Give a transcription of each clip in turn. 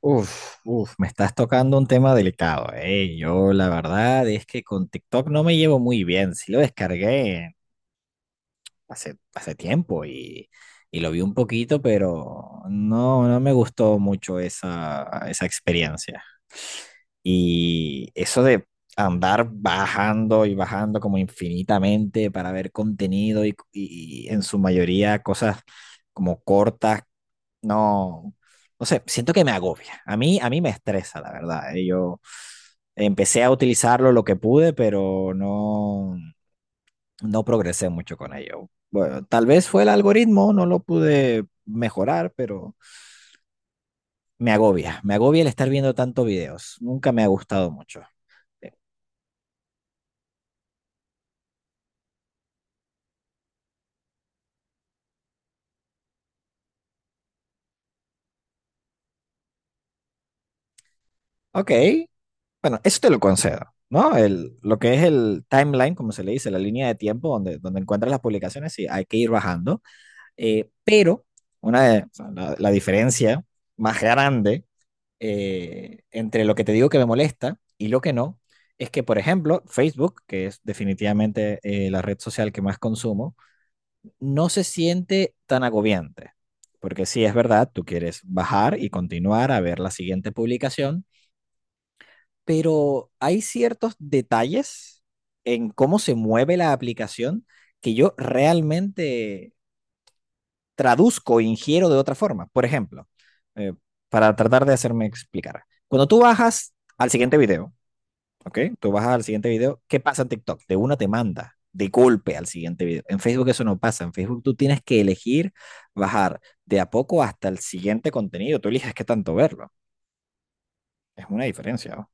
Uf, uf, me estás tocando un tema delicado, ¿eh? Yo la verdad es que con TikTok no me llevo muy bien. Sí lo descargué hace tiempo y lo vi un poquito, pero no, no me gustó mucho esa experiencia. Y eso de andar bajando y bajando como infinitamente para ver contenido y en su mayoría cosas como cortas no, no sé, siento que me agobia. A mí me estresa, la verdad. Yo empecé a utilizarlo lo que pude, pero no, no progresé mucho con ello. Bueno, tal vez fue el algoritmo, no lo pude mejorar, pero me agobia. Me agobia el estar viendo tantos videos. Nunca me ha gustado mucho. Eh, Ok, bueno, eso te lo concedo, ¿no? El, lo que es el timeline, como se le dice, la línea de tiempo donde, donde encuentras las publicaciones, sí, hay que ir bajando. Pero o sea, la diferencia más grande, entre lo que te digo que me molesta y lo que no, es que, por ejemplo, Facebook, que es definitivamente, la red social que más consumo, no se siente tan agobiante. Porque sí es verdad, tú quieres bajar y continuar a ver la siguiente publicación, pero hay ciertos detalles en cómo se mueve la aplicación que yo realmente traduzco e ingiero de otra forma. Por ejemplo, eh, para tratar de hacerme explicar. Cuando tú bajas al siguiente video, ¿ok? Tú bajas al siguiente video, ¿qué pasa en TikTok? De una te manda de golpe al siguiente video. En Facebook eso no pasa. En Facebook tú tienes que elegir bajar de a poco hasta el siguiente contenido. Tú eliges qué tanto verlo. Es una diferencia, ¿no?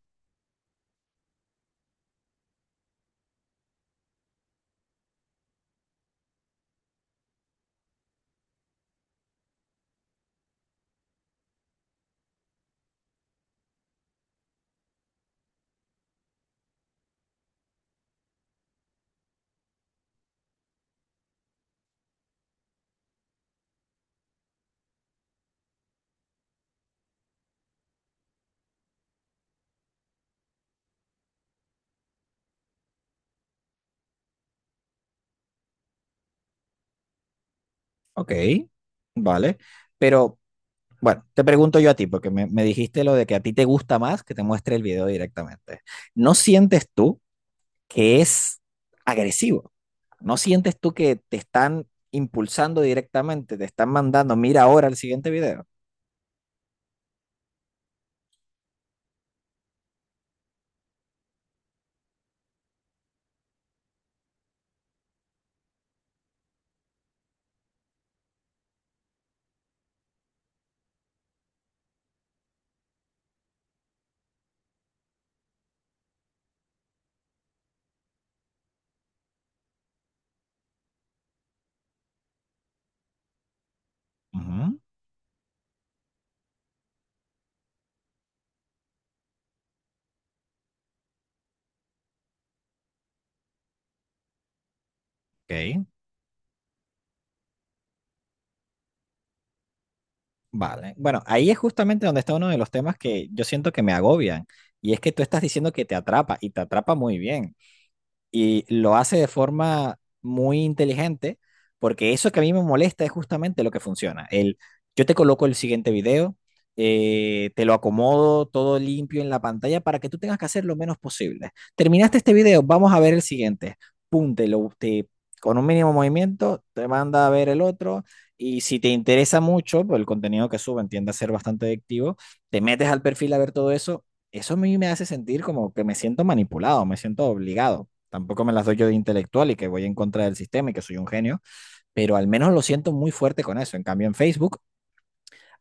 Ok, vale. Pero bueno, te pregunto yo a ti, porque me dijiste lo de que a ti te gusta más que te muestre el video directamente. ¿No sientes tú que es agresivo? ¿No sientes tú que te están impulsando directamente, te están mandando, mira ahora el siguiente video? Ujú, ok. Vale. Bueno, ahí es justamente donde está uno de los temas que yo siento que me agobian. Y es que tú estás diciendo que te atrapa y te atrapa muy bien, y lo hace de forma muy inteligente, porque eso que a mí me molesta es justamente lo que funciona. El, yo te coloco el siguiente video, te lo acomodo todo limpio en la pantalla para que tú tengas que hacer lo menos posible. Terminaste este video, vamos a ver el siguiente. Pum, con un mínimo movimiento, te manda a ver el otro. Y si te interesa mucho, pues el contenido que suben tiende a ser bastante adictivo, te metes al perfil a ver todo eso. Eso a mí me hace sentir como que me siento manipulado, me siento obligado. Tampoco me las doy yo de intelectual y que voy en contra del sistema y que soy un genio, pero al menos lo siento muy fuerte con eso. En cambio, en Facebook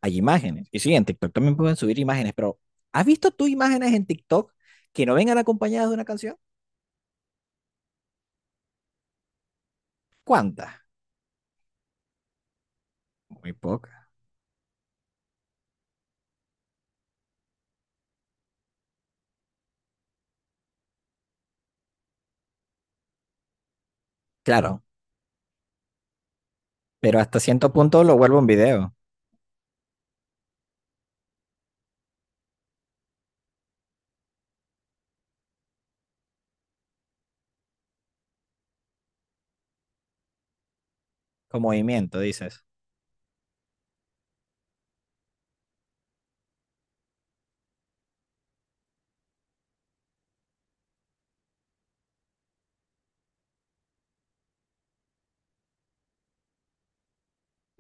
hay imágenes. Y sí, en TikTok también pueden subir imágenes, pero ¿has visto tú imágenes en TikTok que no vengan acompañadas de una canción? ¿Cuántas? Muy pocas. Claro, pero hasta cierto punto lo vuelvo un video, con movimiento, dices.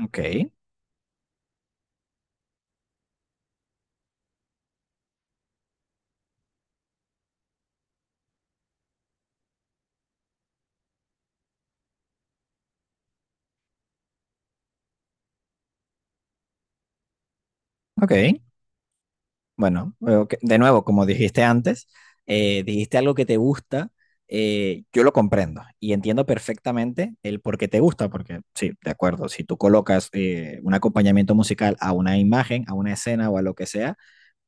Ok, ok. Bueno, ok, de nuevo, como dijiste antes, dijiste algo que te gusta, yo lo comprendo y entiendo perfectamente el por qué te gusta, porque sí, de acuerdo, si tú colocas, un acompañamiento musical a una imagen, a una escena o a lo que sea,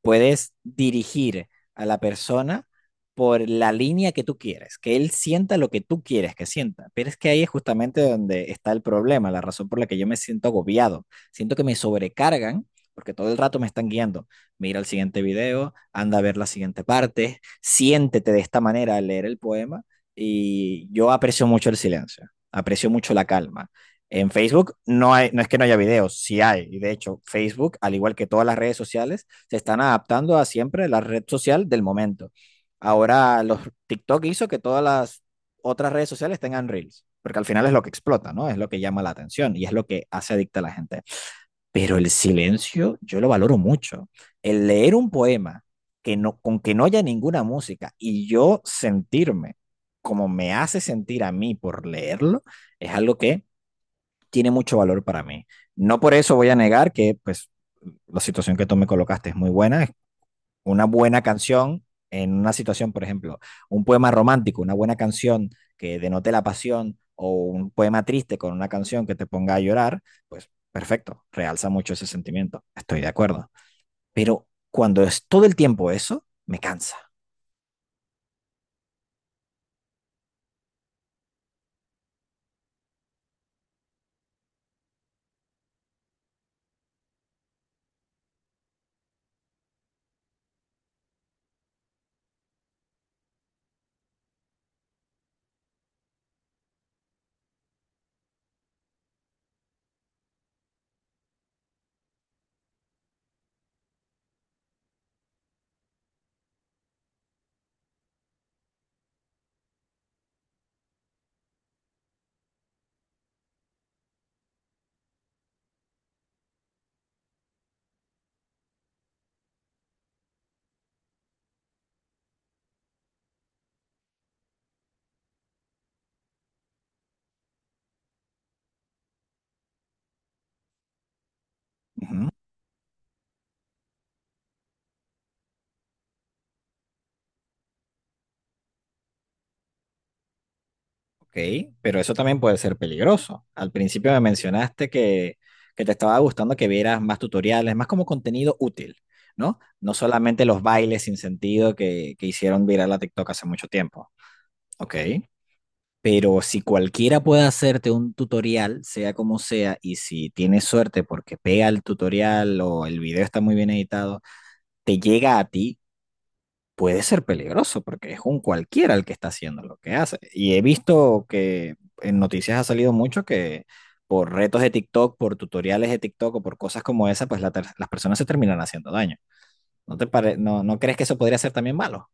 puedes dirigir a la persona por la línea que tú quieres, que él sienta lo que tú quieres que sienta. Pero es que ahí es justamente donde está el problema, la razón por la que yo me siento agobiado. Siento que me sobrecargan porque todo el rato me están guiando. Mira el siguiente video, anda a ver la siguiente parte, siéntete de esta manera al leer el poema, y yo aprecio mucho el silencio, aprecio mucho la calma. En Facebook no hay, no es que no haya videos, sí hay. Y de hecho, Facebook, al igual que todas las redes sociales, se están adaptando a siempre la red social del momento. Ahora los TikTok hizo que todas las otras redes sociales tengan reels, porque al final es lo que explota, ¿no? Es lo que llama la atención y es lo que hace adicta a la gente. Pero el silencio yo lo valoro mucho. El leer un poema que no, con que no haya ninguna música y yo sentirme como me hace sentir a mí por leerlo, es algo que tiene mucho valor para mí. No por eso voy a negar que pues la situación que tú me colocaste es muy buena, una buena canción en una situación, por ejemplo, un poema romántico, una buena canción que denote la pasión o un poema triste con una canción que te ponga a llorar, pues perfecto, realza mucho ese sentimiento, estoy de acuerdo. Pero cuando es todo el tiempo eso, me cansa. Ujú. Ok, pero eso también puede ser peligroso. Al principio me mencionaste que te estaba gustando que vieras más tutoriales, más como contenido útil, ¿no? No solamente los bailes sin sentido que hicieron viral a TikTok hace mucho tiempo. Ok. Pero si cualquiera puede hacerte un tutorial, sea como sea, y si tienes suerte porque pega el tutorial o el video está muy bien editado, te llega a ti, puede ser peligroso porque es un cualquiera el que está haciendo lo que hace. Y he visto que en noticias ha salido mucho que por retos de TikTok, por tutoriales de TikTok o por cosas como esa, pues las personas se terminan haciendo daño. No, ¿no crees que eso podría ser también malo?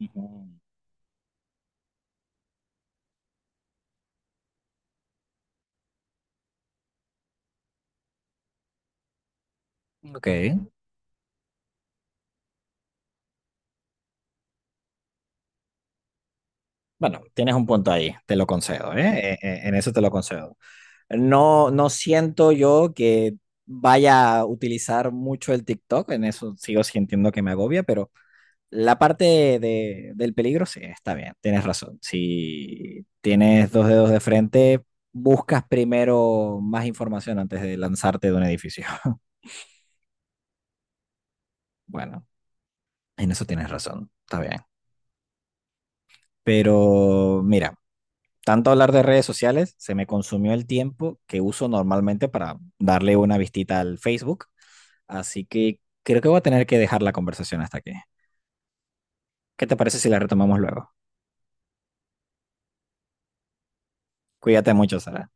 Ujú. Ok. Bueno, tienes un punto ahí, te lo concedo, ¿eh? En eso te lo concedo. No, no siento yo que vaya a utilizar mucho el TikTok, en eso sigo sintiendo que me agobia, pero la parte del peligro sí, está bien, tienes razón. Si tienes dos dedos de frente, buscas primero más información antes de lanzarte de un edificio. Bueno, en eso tienes razón, está bien. Pero mira, tanto hablar de redes sociales, se me consumió el tiempo que uso normalmente para darle una vistita al Facebook. Así que creo que voy a tener que dejar la conversación hasta aquí. ¿Qué te parece si la retomamos luego? Cuídate mucho, Sara.